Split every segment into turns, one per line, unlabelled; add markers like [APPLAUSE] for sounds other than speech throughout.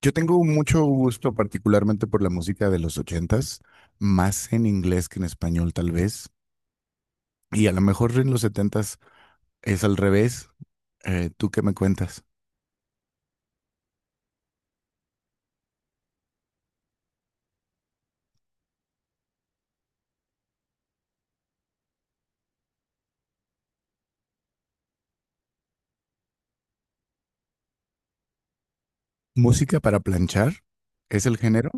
Yo tengo mucho gusto particularmente por la música de los ochentas, más en inglés que en español tal vez, y a lo mejor en los setentas es al revés. ¿Tú qué me cuentas? ¿Música para planchar? ¿Es el género?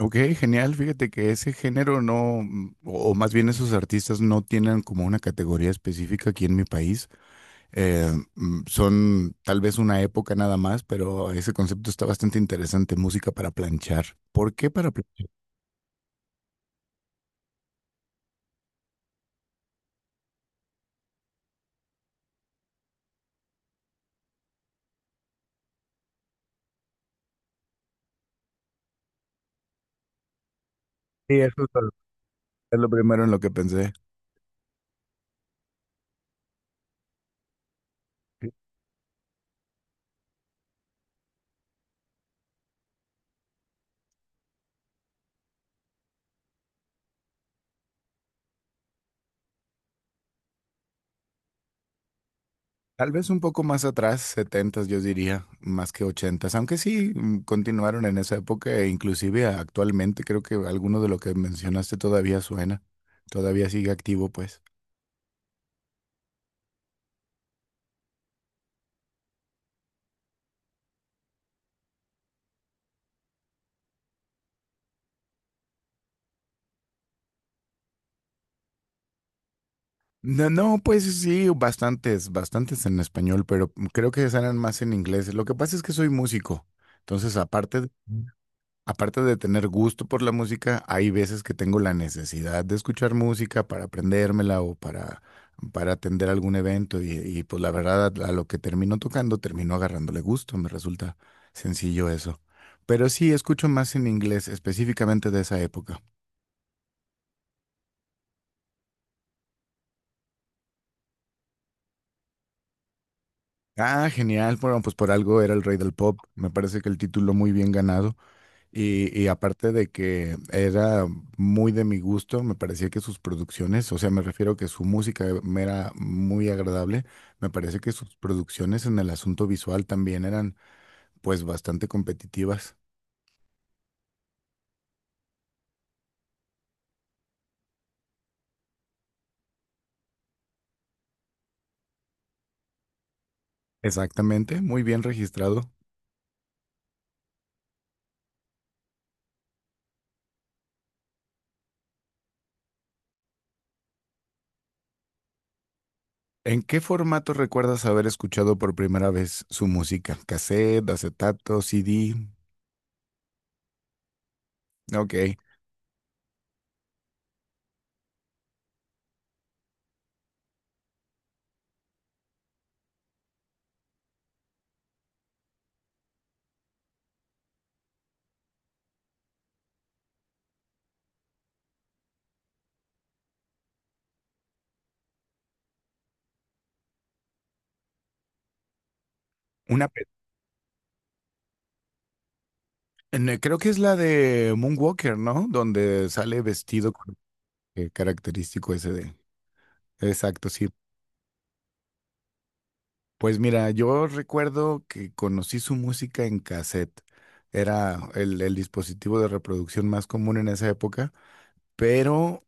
Ok, genial. Fíjate que ese género no, o más bien esos artistas no tienen como una categoría específica aquí en mi país. Son tal vez una época nada más, pero ese concepto está bastante interesante, música para planchar. ¿Por qué para planchar? Sí, eso es. Es lo primero en lo que pensé. Tal vez un poco más atrás, setentas yo diría, más que ochentas aunque sí, continuaron en esa época e inclusive actualmente creo que alguno de lo que mencionaste todavía suena, todavía sigue activo pues. No, no, pues sí, bastantes, bastantes en español, pero creo que suenan más en inglés. Lo que pasa es que soy músico, entonces aparte de tener gusto por la música, hay veces que tengo la necesidad de escuchar música para aprendérmela o para atender algún evento y, pues la verdad a lo que termino tocando termino agarrándole gusto, me resulta sencillo eso. Pero sí, escucho más en inglés, específicamente de esa época. Ah, genial, bueno, pues por algo era el rey del pop, me parece que el título muy bien ganado. Y aparte de que era muy de mi gusto, me parecía que sus producciones, o sea, me refiero que su música me era muy agradable, me parece que sus producciones en el asunto visual también eran pues bastante competitivas. Exactamente, muy bien registrado. ¿En qué formato recuerdas haber escuchado por primera vez su música? ¿Cassette, acetato, CD? Ok. Una, pe- creo que es la de Moonwalker, ¿no? Donde sale vestido con el característico ese de. Exacto, sí. Pues mira, yo recuerdo que conocí su música en cassette. Era el dispositivo de reproducción más común en esa época, pero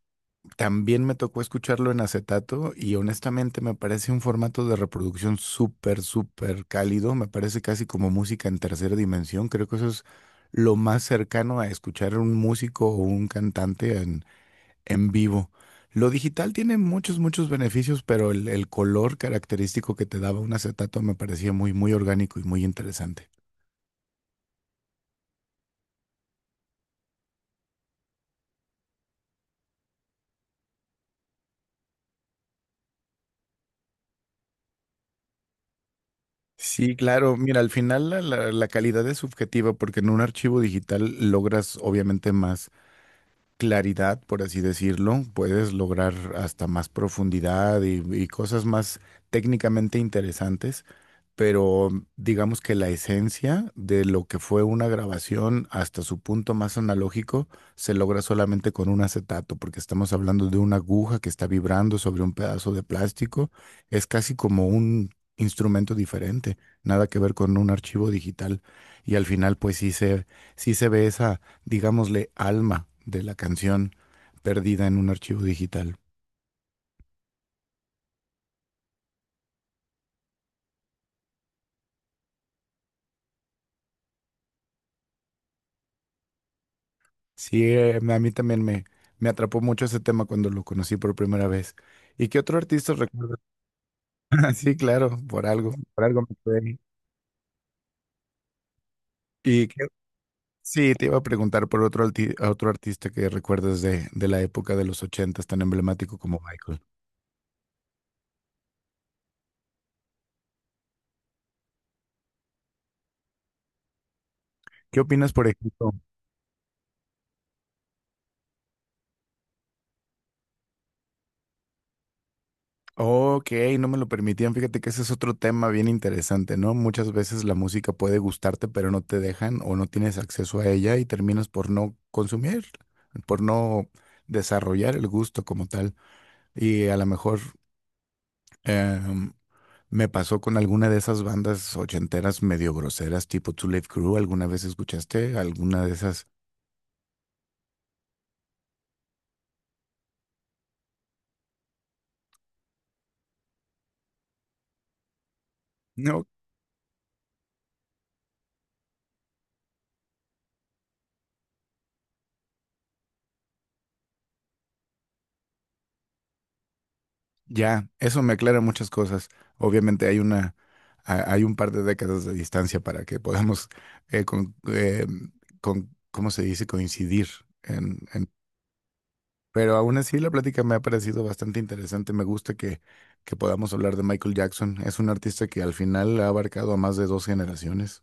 también me tocó escucharlo en acetato y honestamente me parece un formato de reproducción súper, súper cálido. Me parece casi como música en tercera dimensión. Creo que eso es lo más cercano a escuchar un músico o un cantante en vivo. Lo digital tiene muchos, muchos beneficios, pero el color característico que te daba un acetato me parecía muy, muy orgánico y muy interesante. Sí, claro. Mira, al final la calidad es subjetiva porque en un archivo digital logras obviamente más claridad, por así decirlo, puedes lograr hasta más profundidad y cosas más técnicamente interesantes, pero digamos que la esencia de lo que fue una grabación hasta su punto más analógico se logra solamente con un acetato, porque estamos hablando de una aguja que está vibrando sobre un pedazo de plástico, es casi como un instrumento diferente, nada que ver con un archivo digital y al final pues sí se ve esa digámosle, alma de la canción perdida en un archivo digital. Sí, a mí también me atrapó mucho ese tema cuando lo conocí por primera vez. ¿Y qué otro artista recuerdas? [LAUGHS] Sí, claro, por algo me quedé ahí. Y qué- sí, te iba a preguntar por otro, a otro artista que recuerdas de la época de los ochentas, tan emblemático como Michael. ¿Qué opinas, por ejemplo? Ok, no me lo permitían. Fíjate que ese es otro tema bien interesante, ¿no? Muchas veces la música puede gustarte, pero no te dejan o no tienes acceso a ella y terminas por no consumir, por no desarrollar el gusto como tal. Y a lo mejor em, me pasó con alguna de esas bandas ochenteras medio groseras, tipo Two Live Crew. ¿Alguna vez escuchaste alguna de esas? Ya, eso me aclara muchas cosas. Obviamente hay un par de décadas de distancia para que podamos, eh, con, eh, ¿cómo se dice? Coincidir. En, en- pero aún así la plática me ha parecido bastante interesante. Me gusta que podamos hablar de Michael Jackson. Es un artista que al final ha abarcado a más de dos generaciones.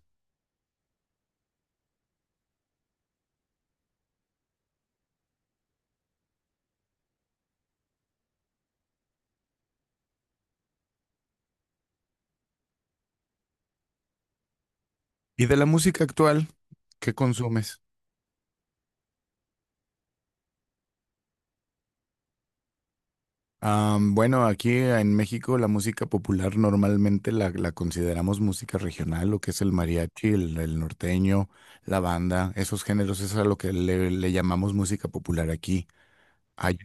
¿Y de la música actual, qué consumes? Bueno, aquí en México la música popular normalmente la consideramos música regional, lo que es el mariachi, el norteño, la banda, esos géneros, eso es a lo que le llamamos música popular aquí. Ay,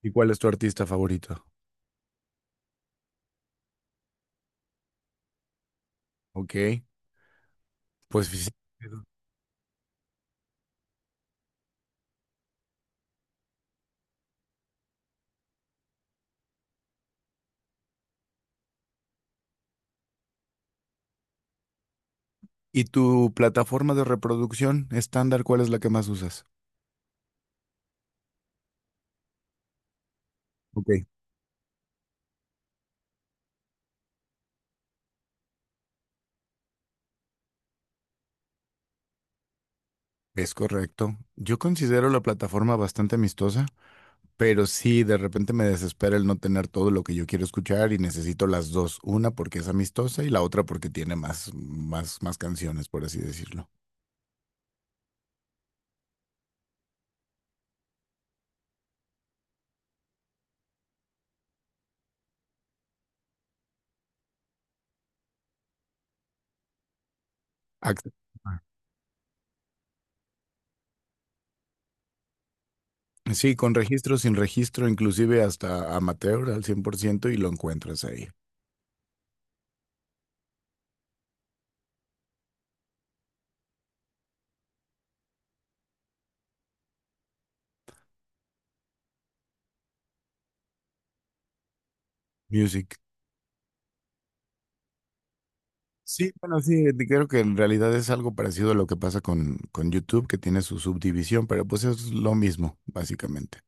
¿y cuál es tu artista favorito? Ok, pues sí. ¿Y tu plataforma de reproducción estándar, cuál es la que más usas? Ok. Es correcto. Yo considero la plataforma bastante amistosa. Pero sí, de repente me desespera el no tener todo lo que yo quiero escuchar y necesito las dos, una porque es amistosa y la otra porque tiene más, más, más canciones, por así decirlo. Ac- Sí, con registro, sin registro, inclusive hasta amateur al 100% y lo encuentras ahí. Music. Sí, bueno, sí, creo que en realidad es algo parecido a lo que pasa con YouTube, que tiene su subdivisión, pero pues es lo mismo, básicamente.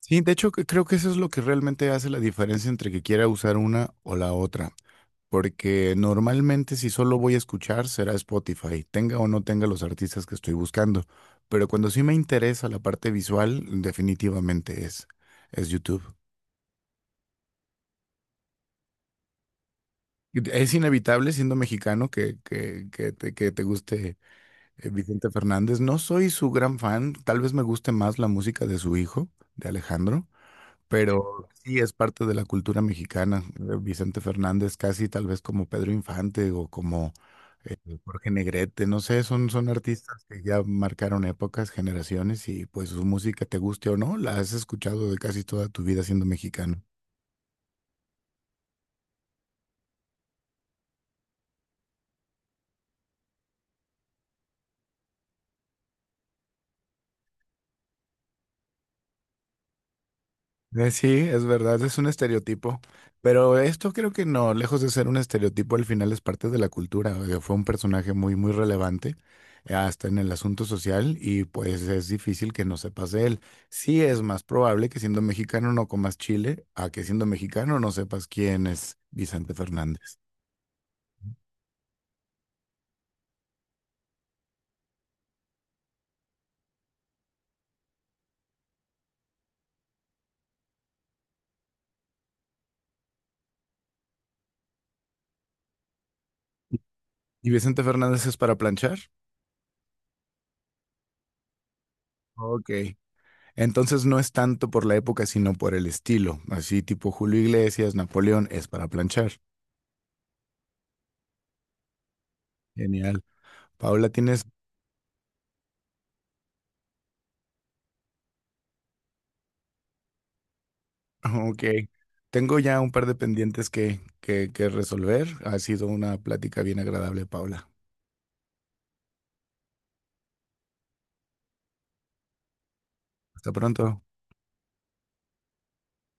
Sí, de hecho, creo que eso es lo que realmente hace la diferencia entre que quiera usar una o la otra. Porque normalmente si solo voy a escuchar será Spotify, tenga o no tenga los artistas que estoy buscando. Pero cuando sí me interesa la parte visual, definitivamente es YouTube. Es inevitable siendo mexicano que te guste, Vicente Fernández. No soy su gran fan, tal vez me guste más la música de su hijo, de Alejandro, pero sí es parte de la cultura mexicana. Vicente Fernández, casi tal vez como Pedro Infante o como eh, Jorge Negrete, no sé, son artistas que ya marcaron épocas, generaciones y pues su música, te guste o no, la has escuchado de casi toda tu vida siendo mexicano. Sí, es verdad, es un estereotipo, pero esto creo que no, lejos de ser un estereotipo, al final es parte de la cultura. O sea, fue un personaje muy, muy relevante, hasta en el asunto social y pues es difícil que no sepas de él. Sí es más probable que siendo mexicano no comas chile a que siendo mexicano no sepas quién es Vicente Fernández. ¿Y Vicente Fernández es para planchar? Ok. Entonces no es tanto por la época, sino por el estilo, así tipo Julio Iglesias, Napoleón, es para planchar. Genial. Paula, tienes, [LAUGHS] ok, tengo ya un par de pendientes que resolver. Ha sido una plática bien agradable, Paula. Hasta pronto.